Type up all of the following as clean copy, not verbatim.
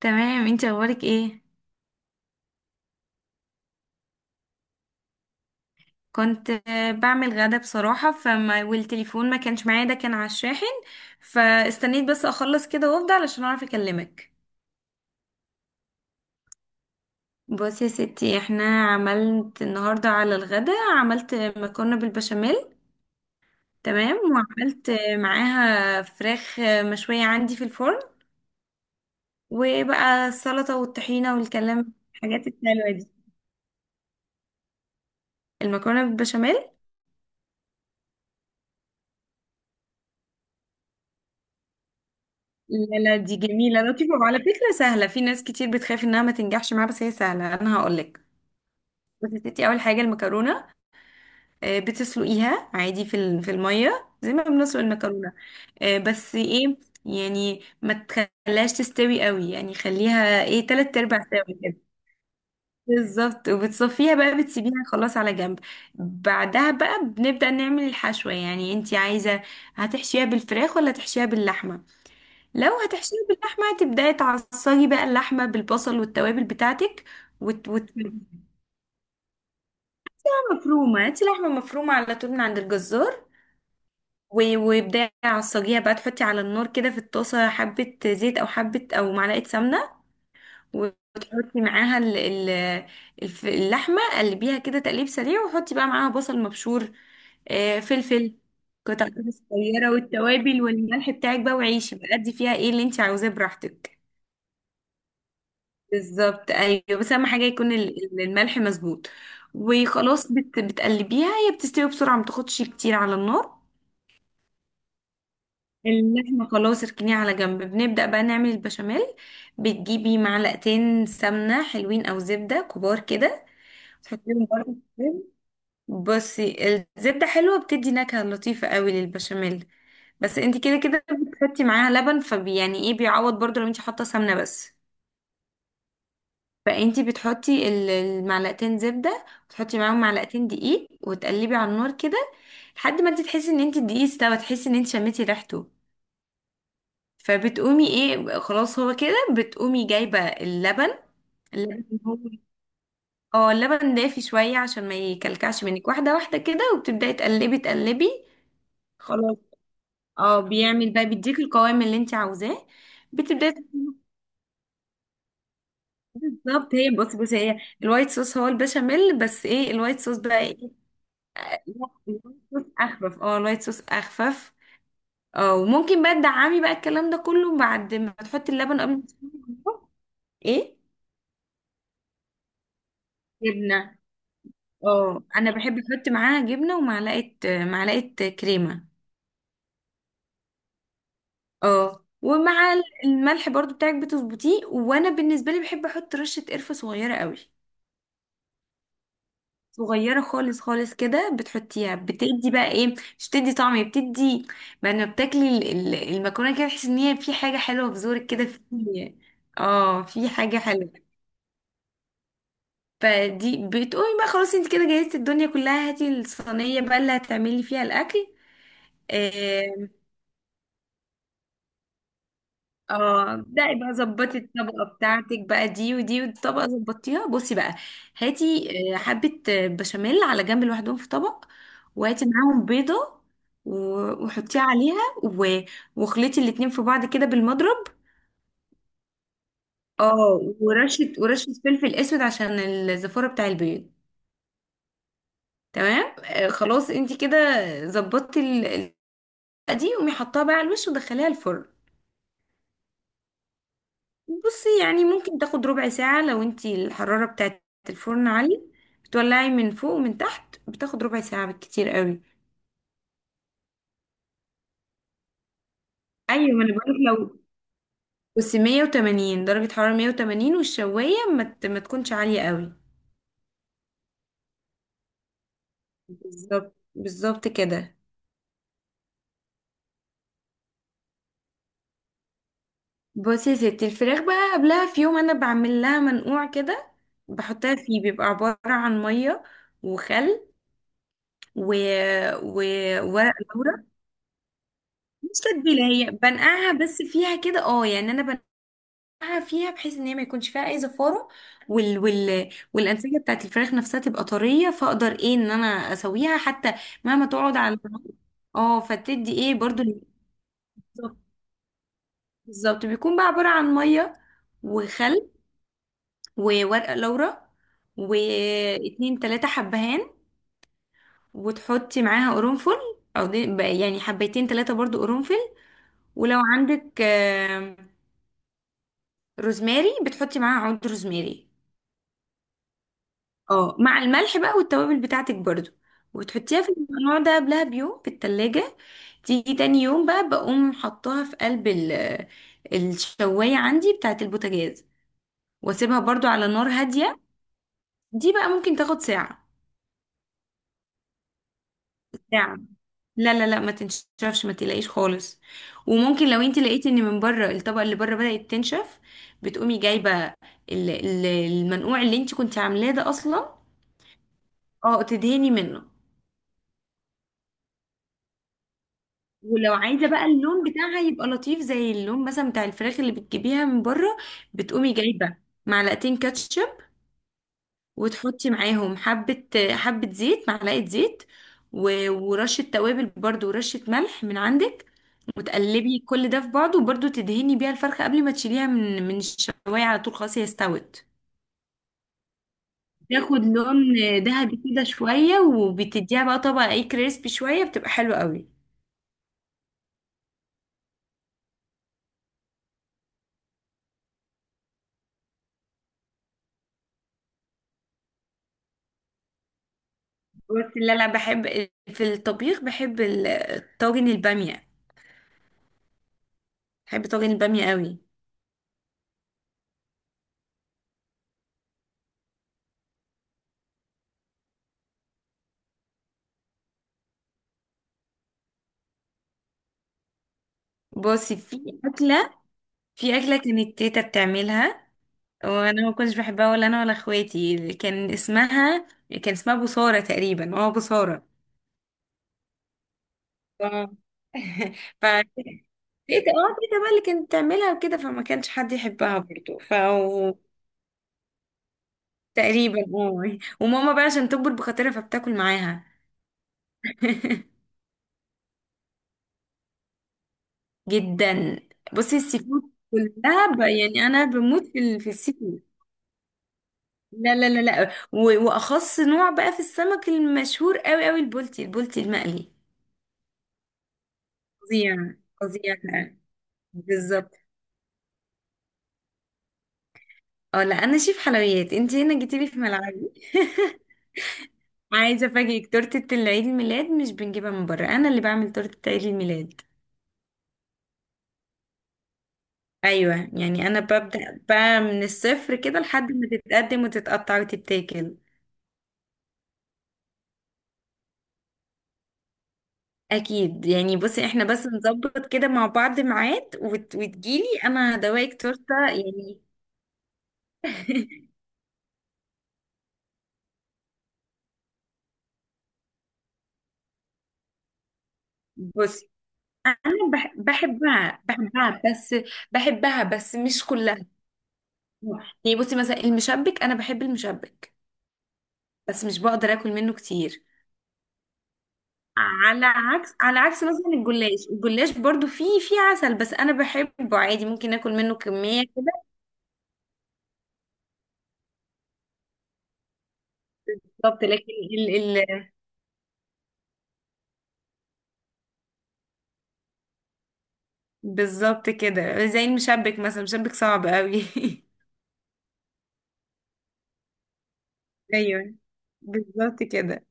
تمام، انت اخبارك ايه؟ كنت بعمل غدا بصراحة، فما والتليفون ما كانش معايا، ده كان على الشاحن. فاستنيت بس اخلص كده وافضى علشان اعرف اكلمك. بصي يا ستي، احنا عملت النهاردة على الغدا، عملت مكرونة بالبشاميل. تمام، وعملت معاها فراخ مشوية عندي في الفرن. وبقى السلطة والطحينة والكلام، الحاجات الحلوة دي. المكرونة بالبشاميل، لا دي جميلة لطيفة، وعلى فكرة سهلة. في ناس كتير بتخاف انها ما تنجحش معاها، بس هي سهلة. انا هقولك. بس يا ستي، اول حاجة المكرونة، بتسلقيها عادي في المية زي ما بنسلق المكرونة. بس ايه، يعني ما تخليهاش تستوي قوي، يعني خليها ايه، تلات ارباع سوا كده. بالظبط. وبتصفيها بقى، بتسيبيها خلاص على جنب. بعدها بقى بنبدأ نعمل الحشوة. يعني انتي عايزة هتحشيها بالفراخ ولا تحشيها باللحمة؟ لو هتحشيه باللحمة، تبدأي تعصجي بقى اللحمة بالبصل والتوابل بتاعتك. وت... وت... مفرومة، هاتي لحمة مفرومة على طول من عند الجزار. وابدأي عصجيها بقى، تحطي على النار كده في الطاسة حبة زيت أو حبة أو معلقة سمنة. وتحطي معاها اللحمة، قلبيها كده تقليب سريع، وحطي بقى معاها بصل مبشور. فلفل، قطع كده صغيرة، والتوابل والملح بتاعك بقى، وعيشي بقى ادي فيها ايه اللي انت عاوزاه براحتك. بالظبط، ايوه. بس اهم حاجه يكون الملح مظبوط. وخلاص، بتقلبيها، هي بتستوي بسرعه، ما تاخدش كتير على النار. اللحمه خلاص اركنيها على جنب، بنبدا بقى نعمل البشاميل. بتجيبي معلقتين سمنه حلوين او زبده كبار كده، تحطيهم برضه في الفرن. بصي، الزبده حلوه، بتدي نكهه لطيفه قوي للبشاميل، بس انت كده كده بتحطي معاها لبن، فبي يعني ايه بيعوض برضه لو انت حاطه سمنه بس. فانتي بتحطي المعلقتين زبدة، وتحطي معاهم معلقتين دقيق، وتقلبي على النار كده لحد ما انت تحسي ان انت الدقيق استوى، تحسي ان انت شميتي ريحته. فبتقومي ايه، خلاص هو كده، بتقومي جايبة اللبن. اللبن هو اه اللبن دافي شوية عشان ما يكلكعش منك، واحدة واحدة كده، وبتبدأي تقلبي تقلبي. خلاص، اه، بيعمل بقى بيديك القوام اللي انت عاوزاه. بتبدأي بالظبط. هي بصي هي الوايت صوص هو البشاميل، بس ايه الوايت صوص بقى ايه، لا، الوايت صوص اخفف، اه الوايت صوص اخفف. اه، وممكن بقى تدعمي بقى الكلام ده كله بعد ما تحطي اللبن قبل ما تسخني. ايه، جبنه. اه انا بحب احط معاها جبنه ومعلقه، معلقه كريمه. اه، ومع الملح برضو بتاعك بتظبطيه، وانا بالنسبه لي بحب احط رشه قرفه صغيره قوي، صغيرة خالص خالص كده، بتحطيها بتدي بقى ايه، مش بتدي طعم، هي بتدي بقى لما بتاكلي المكرونة كده، تحسي ان هي في حاجة حلوة في زورك كده، في اه، في حاجة حلوة. فدي بتقومي بقى خلاص، انت كده جهزتي الدنيا كلها، هاتي الصينية بقى اللي هتعملي فيها الأكل. آه، اه دعي بقى، ظبطي الطبقة بتاعتك بقى، دي ودي، والطبقة ظبطيها. بصي بقى، هاتي حبة بشاميل على جنب لوحدهم في طبق، وهاتي معاهم بيضة، وحطيها عليها واخلطي الاتنين في بعض كده بالمضرب. اه، ورشة فلفل اسود عشان الزفارة بتاع البيض. تمام، خلاص انتي كده ظبطتي دي، قومي حطها بقى على الوش ودخليها الفرن. بصي، يعني ممكن تاخد ربع ساعة لو انتي الحرارة بتاعت الفرن عالية، بتولعي من فوق ومن تحت، بتاخد ربع ساعة بالكتير قوي. ايوه، ما انا بقولك، لو بس 180 درجة، حرارة 180، والشواية ما, ما تكونش عالية قوي. بالظبط بالظبط كده. بصي يا ستي، الفراخ بقى قبلها في يوم انا بعمل لها منقوع كده، بحطها فيه، بيبقى عبارة عن مية وخل و... و... وورق لورا. مش تتبيلة، هي بنقعها بس فيها كده، اه يعني انا فيها بحيث ان هي ما يكونش فيها اي زفاره، والانسجه بتاعت الفراخ نفسها تبقى طريه، فاقدر ايه ان انا اسويها حتى مهما تقعد على النار. اه، فتدي ايه برضو بالظبط. بالظبط. بيكون بقى عباره عن ميه وخل وورقه لورا واتنين تلاتة حبهان، وتحطي معاها قرنفل، او دي بقى يعني حبيتين تلاتة برضو قرنفل. ولو عندك روزماري، بتحطي معاها عود روزماري. اه، مع الملح بقى والتوابل بتاعتك برضو، وتحطيها في النوع ده قبلها بيوم في التلاجة. تيجي تاني يوم بقى، بقوم حطاها في قلب الشواية عندي بتاعت البوتاجاز، واسيبها برضو على نار هادية. دي بقى ممكن تاخد ساعة، ساعة. لا ما تنشفش، ما تقلقيش خالص. وممكن لو انت لقيتي ان من بره الطبقة اللي بره بدأت تنشف، بتقومي جايبة ال- المنقوع اللي انت كنت عاملاه ده اصلا. اه، تدهني منه. ولو عايزه بقى اللون بتاعها يبقى لطيف زي اللون مثلا بتاع الفراخ اللي بتجيبيها من بره، بتقومي جايبه معلقتين كاتشب، وتحطي معاهم حبه زيت، معلقه زيت، ورشه توابل برضو، ورشه ملح من عندك، وتقلبي كل ده في بعضه، وبرضو تدهني بيها الفرخه قبل ما تشيليها من من الشوايه على طول، خلاص هي استوت. تاخد لون ذهبي كده شويه، وبتديها بقى طبقه ايه كريسبي شويه، بتبقى حلوه قوي. بس اللي انا بحب في الطبيخ، بحب طاجن الباميه، بحب طاجن الباميه قوي. بصي، اكله في اكله كانت تيتا بتعملها وانا ما كنتش بحبها، ولا انا ولا اخواتي. كان اسمها بصاره تقريبا، اه بصاره. اه فتيتا، اه تيتا بقى اللي كانت بتعملها وكده، فما كانش حد يحبها برضو. ف تقريبا اه، وماما بقى عشان تكبر بخاطرها فبتاكل معاها. جدا. بصي السي فود كلها، يعني انا بموت في السي فود. لا واخص نوع بقى في السمك المشهور قوي قوي، البولتي، البولتي المقلي. فظيع، فظيع بقى. بالظبط. اه لا، انا شيف حلويات، انت هنا جيتي لي في ملعبي. عايزه افاجئك، تورته العيد الميلاد مش بنجيبها من بره، انا اللي بعمل تورته عيد الميلاد. ايوه، يعني انا ببدا بقى من الصفر كده لحد ما تتقدم وتتقطع وتتاكل. اكيد، يعني بصي احنا بس نظبط كده مع بعض ميعاد، وتجيلي انا هدوقك تورته يعني. بصي، بحبها، بس بحبها بس مش كلها. يعني بصي مثلا المشبك، انا بحب المشبك بس مش بقدر اكل منه كتير. على عكس مثلا الجلاش، الجلاش برضو فيه عسل، بس انا بحبه عادي، ممكن اكل منه كمية كده. بالظبط. لكن ال... ال... بالظبط كده، زي المشبك مثلا، المشبك صعب قوي. ايوه، بالظبط كده.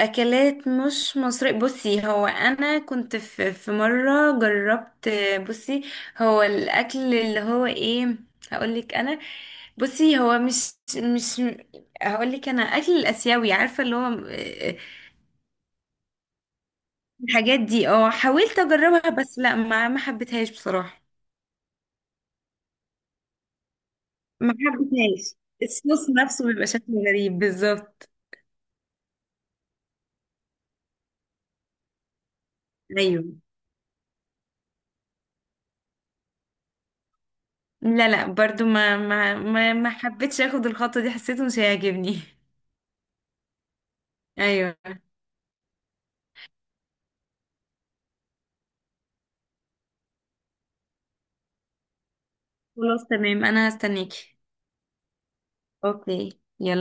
اكلات مش مصرية، بصي هو انا كنت في مرة جربت. بصي هو الاكل اللي هو ايه، هقولك انا. بصي هو مش مش هقولك انا، اكل الاسيوي عارفة اللي هو الحاجات دي. اه، حاولت اجربها بس لا، ما حبيتهاش بصراحة، ما حبتهاش. الصوص نفسه بيبقى شكله غريب، بالظبط. ايوه. لا برضو ما حبيتش اخد الخطوة دي، حسيته مش هيعجبني. ايوه. خلاص، تمام، انا هستنيكي. اوكي، يلا.